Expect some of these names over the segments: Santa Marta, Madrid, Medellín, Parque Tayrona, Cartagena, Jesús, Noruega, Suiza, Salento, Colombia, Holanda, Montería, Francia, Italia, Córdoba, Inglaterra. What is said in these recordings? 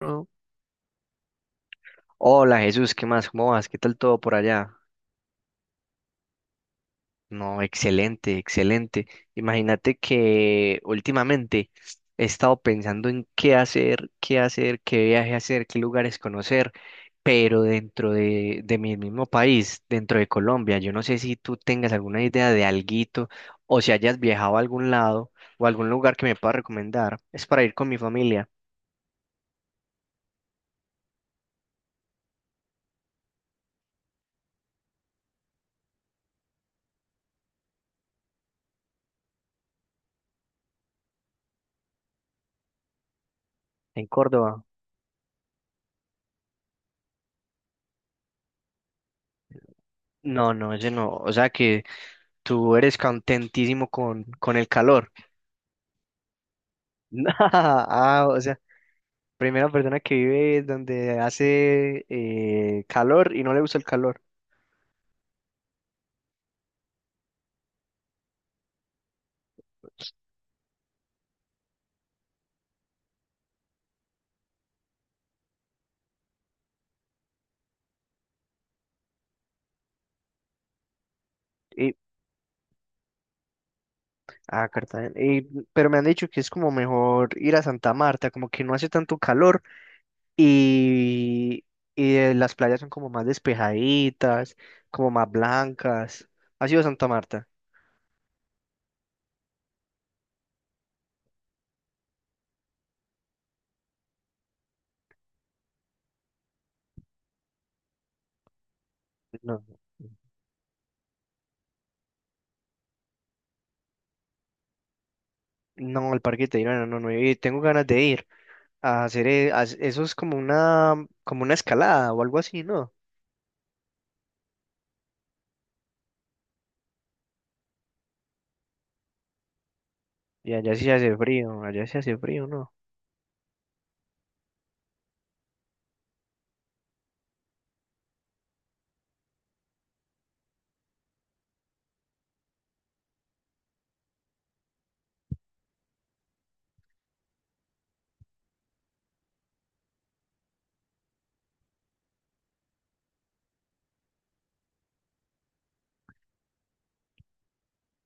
¿No? Hola Jesús, ¿qué más? ¿Cómo vas? ¿Qué tal todo por allá? No, excelente, excelente. Imagínate que últimamente he estado pensando en qué hacer, qué hacer, qué viaje hacer, qué lugares conocer, pero dentro de mi mismo país, dentro de Colombia, yo no sé si tú tengas alguna idea de alguito o si hayas viajado a algún lado o algún lugar que me pueda recomendar. Es para ir con mi familia en Córdoba. No, no, ese no. O sea que... Tú eres contentísimo con el calor. Ah, o sea, primera persona que vive donde hace calor y no le gusta el calor. Y, ah, Cartagena. Y pero me han dicho que es como mejor ir a Santa Marta, como que no hace tanto calor y, y las playas son como más despejaditas, como más blancas. ¿Has ido a Santa Marta? No. No, el Parque Tayrona, no, no, he ido. Tengo ganas de ir. A hacer eso es como una escalada o algo así, ¿no? Y allá sí hace frío, allá sí hace frío, ¿no?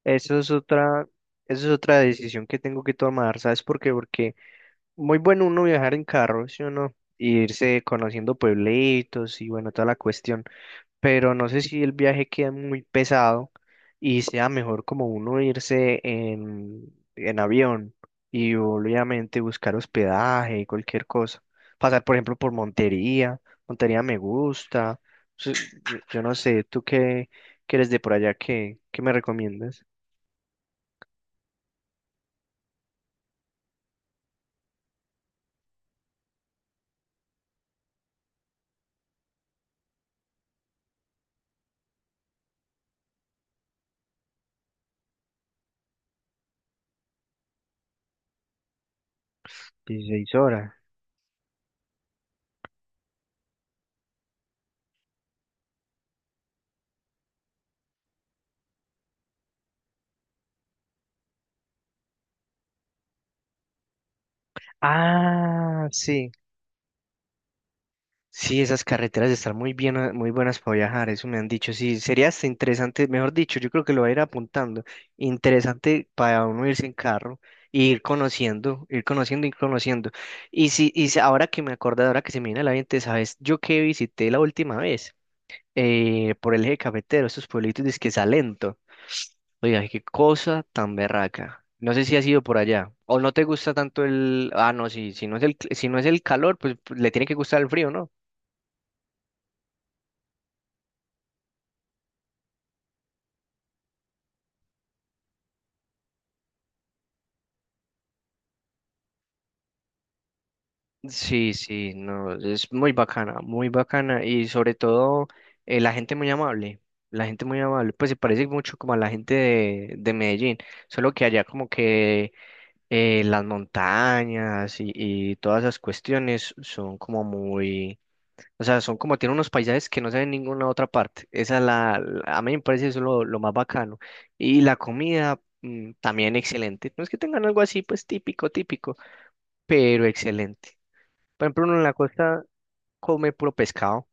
Eso es otra, eso es otra decisión que tengo que tomar, ¿sabes por qué? Porque muy bueno uno viajar en carro, ¿sí o no? Y irse conociendo pueblitos y bueno, toda la cuestión. Pero no sé si el viaje queda muy pesado y sea mejor como uno irse en avión y obviamente buscar hospedaje y cualquier cosa. Pasar, por ejemplo, por Montería. Montería me gusta. Yo no sé, ¿tú qué eres de por allá? ¿Qué me recomiendas? 16 horas. Ah, sí. Sí, esas carreteras están muy bien, ah, muy buenas para viajar, eso me han dicho. Sí, sería hasta interesante, mejor dicho, yo creo que lo voy a ir apuntando. Interesante para uno irse en carro, e ir conociendo, ir conociendo, ir conociendo. Ahora que me acordé, ahora que se me viene a la mente, ¿sabes? Yo que visité la última vez por el eje cafetero, esos pueblitos de Salento. Oiga, qué cosa tan berraca. No sé si has ido por allá. O no te gusta tanto el. Ah, no, sí, si no es el calor, pues le tiene que gustar el frío, ¿no? Sí, sí, no, es muy bacana y sobre todo la gente muy amable, la gente muy amable, pues se parece mucho como a la gente de Medellín, solo que allá como que las montañas y todas esas cuestiones son como muy, o sea, son como tienen unos paisajes que no se ven en ninguna otra parte, esa es a mí me parece eso lo más bacano y la comida también excelente, no es que tengan algo así pues típico, típico, pero excelente. Por ejemplo, uno en la costa come puro pescado.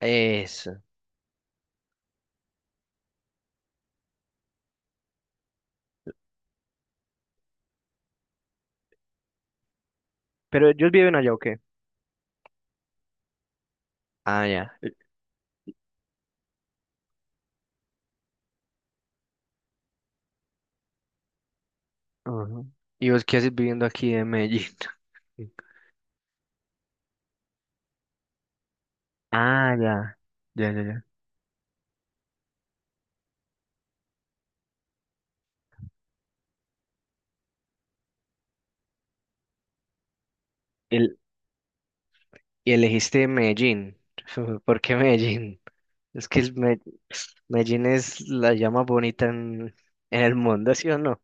Eso. Pero ellos viven allá, ¿o qué? Ah, ya. Ajá. ¿Y vos qué haces viviendo aquí en Medellín? Ah, ya. Ya, ya, ya. El, y elegiste Medellín. ¿Por qué Medellín? Es que el Me- Medellín es la llama bonita en el mundo, ¿sí o no?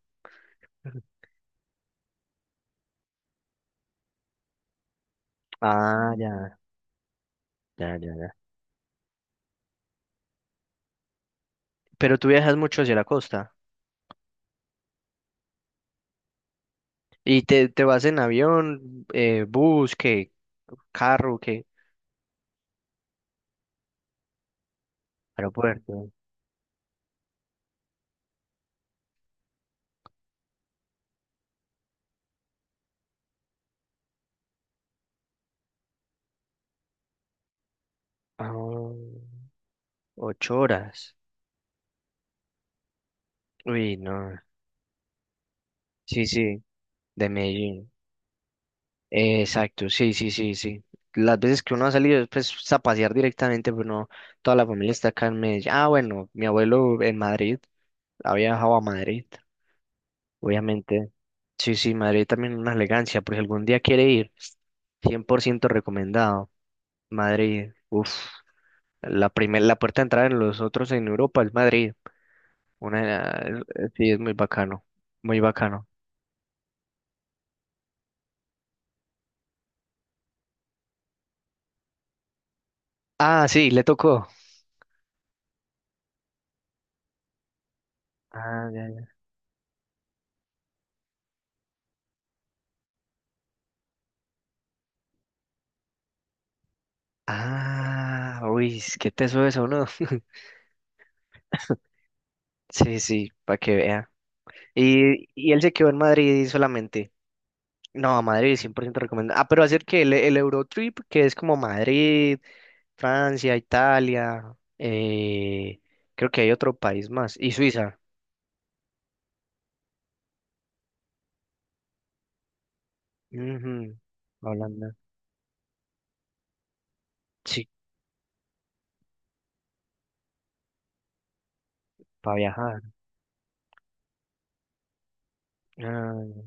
Ah, ya, ya, ya, ya. Pero tú viajas mucho hacia la costa. ¿Y te vas en avión, bus, qué? ¿Carro, qué? Aeropuerto. Ah, 8 horas. Uy, no. Sí, sí, de Medellín. Exacto, sí, sí, sí, sí. Las veces que uno ha salido es pues, a pasear directamente, pero no, toda la familia está acá en Medellín. Ah, bueno, mi abuelo en Madrid, ha viajado a Madrid, obviamente. Sí, sí, Madrid también una elegancia, por si algún día quiere ir, 100% recomendado. Madrid, uff, la primer, la puerta de entrada en los otros en Europa es Madrid. Una, sí, es muy bacano, muy bacano. Ah, sí, le tocó. Ah, ah, uy, ¿qué que teso eso, ¿no? Sí, sí, para que vea. Y él se quedó en Madrid solamente. No, Madrid 100% recomendado. Ah, pero hacer que el Eurotrip, que es como Madrid, Francia, Italia, eh, creo que hay otro país más. Y Suiza. Ujú, Holanda. Sí, para viajar. Ah,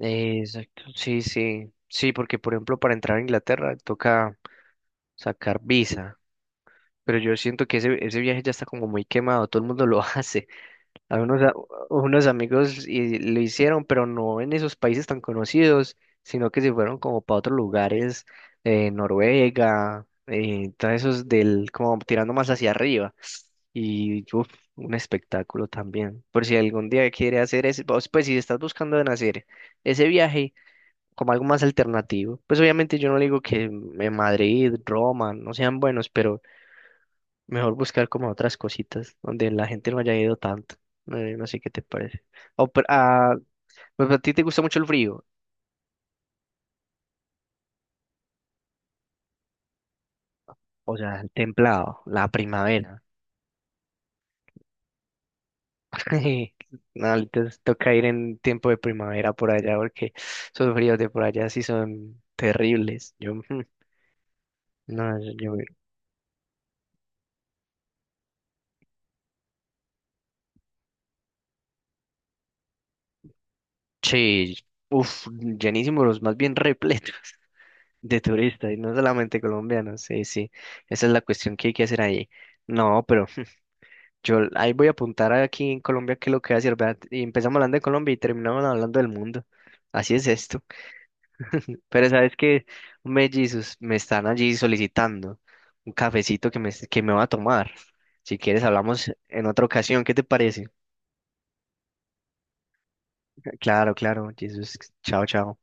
exacto, sí, sí. Sí, porque por ejemplo para entrar a Inglaterra toca sacar visa. Pero yo siento que ese viaje ya está como muy quemado, todo el mundo lo hace. A unos, a- unos amigos y lo hicieron, pero no en esos países tan conocidos, sino que se fueron como para otros lugares, Noruega, todos esos del, como tirando más hacia arriba. Y uf, un espectáculo también. Por si algún día quiere hacer ese, pues, si estás buscando en hacer ese viaje como algo más alternativo, pues obviamente yo no le digo que Madrid, Roma, no sean buenos, pero mejor buscar como otras cositas donde la gente no haya ido tanto. No, no sé qué te parece. O, per- ah, pues a ti te gusta mucho el frío. O sea, el templado, la primavera. No, entonces toca ir en tiempo de primavera por allá porque esos fríos de por allá sí son terribles. Yo, mm, no, yo- sí, uf, llenísimos, los más bien repletos de turistas y no solamente colombianos. Sí, sí, esa es la cuestión que hay que hacer ahí. No, pero. Yo ahí voy a apuntar aquí en Colombia que lo que voy a decir, ¿verdad? Y empezamos hablando de Colombia y terminamos hablando del mundo. Así es esto. Pero sabes que, hombre, Jesus, me están allí solicitando un cafecito que me va a tomar. Si quieres, hablamos en otra ocasión. ¿Qué te parece? Claro, claro, Jesus. Chao, chao.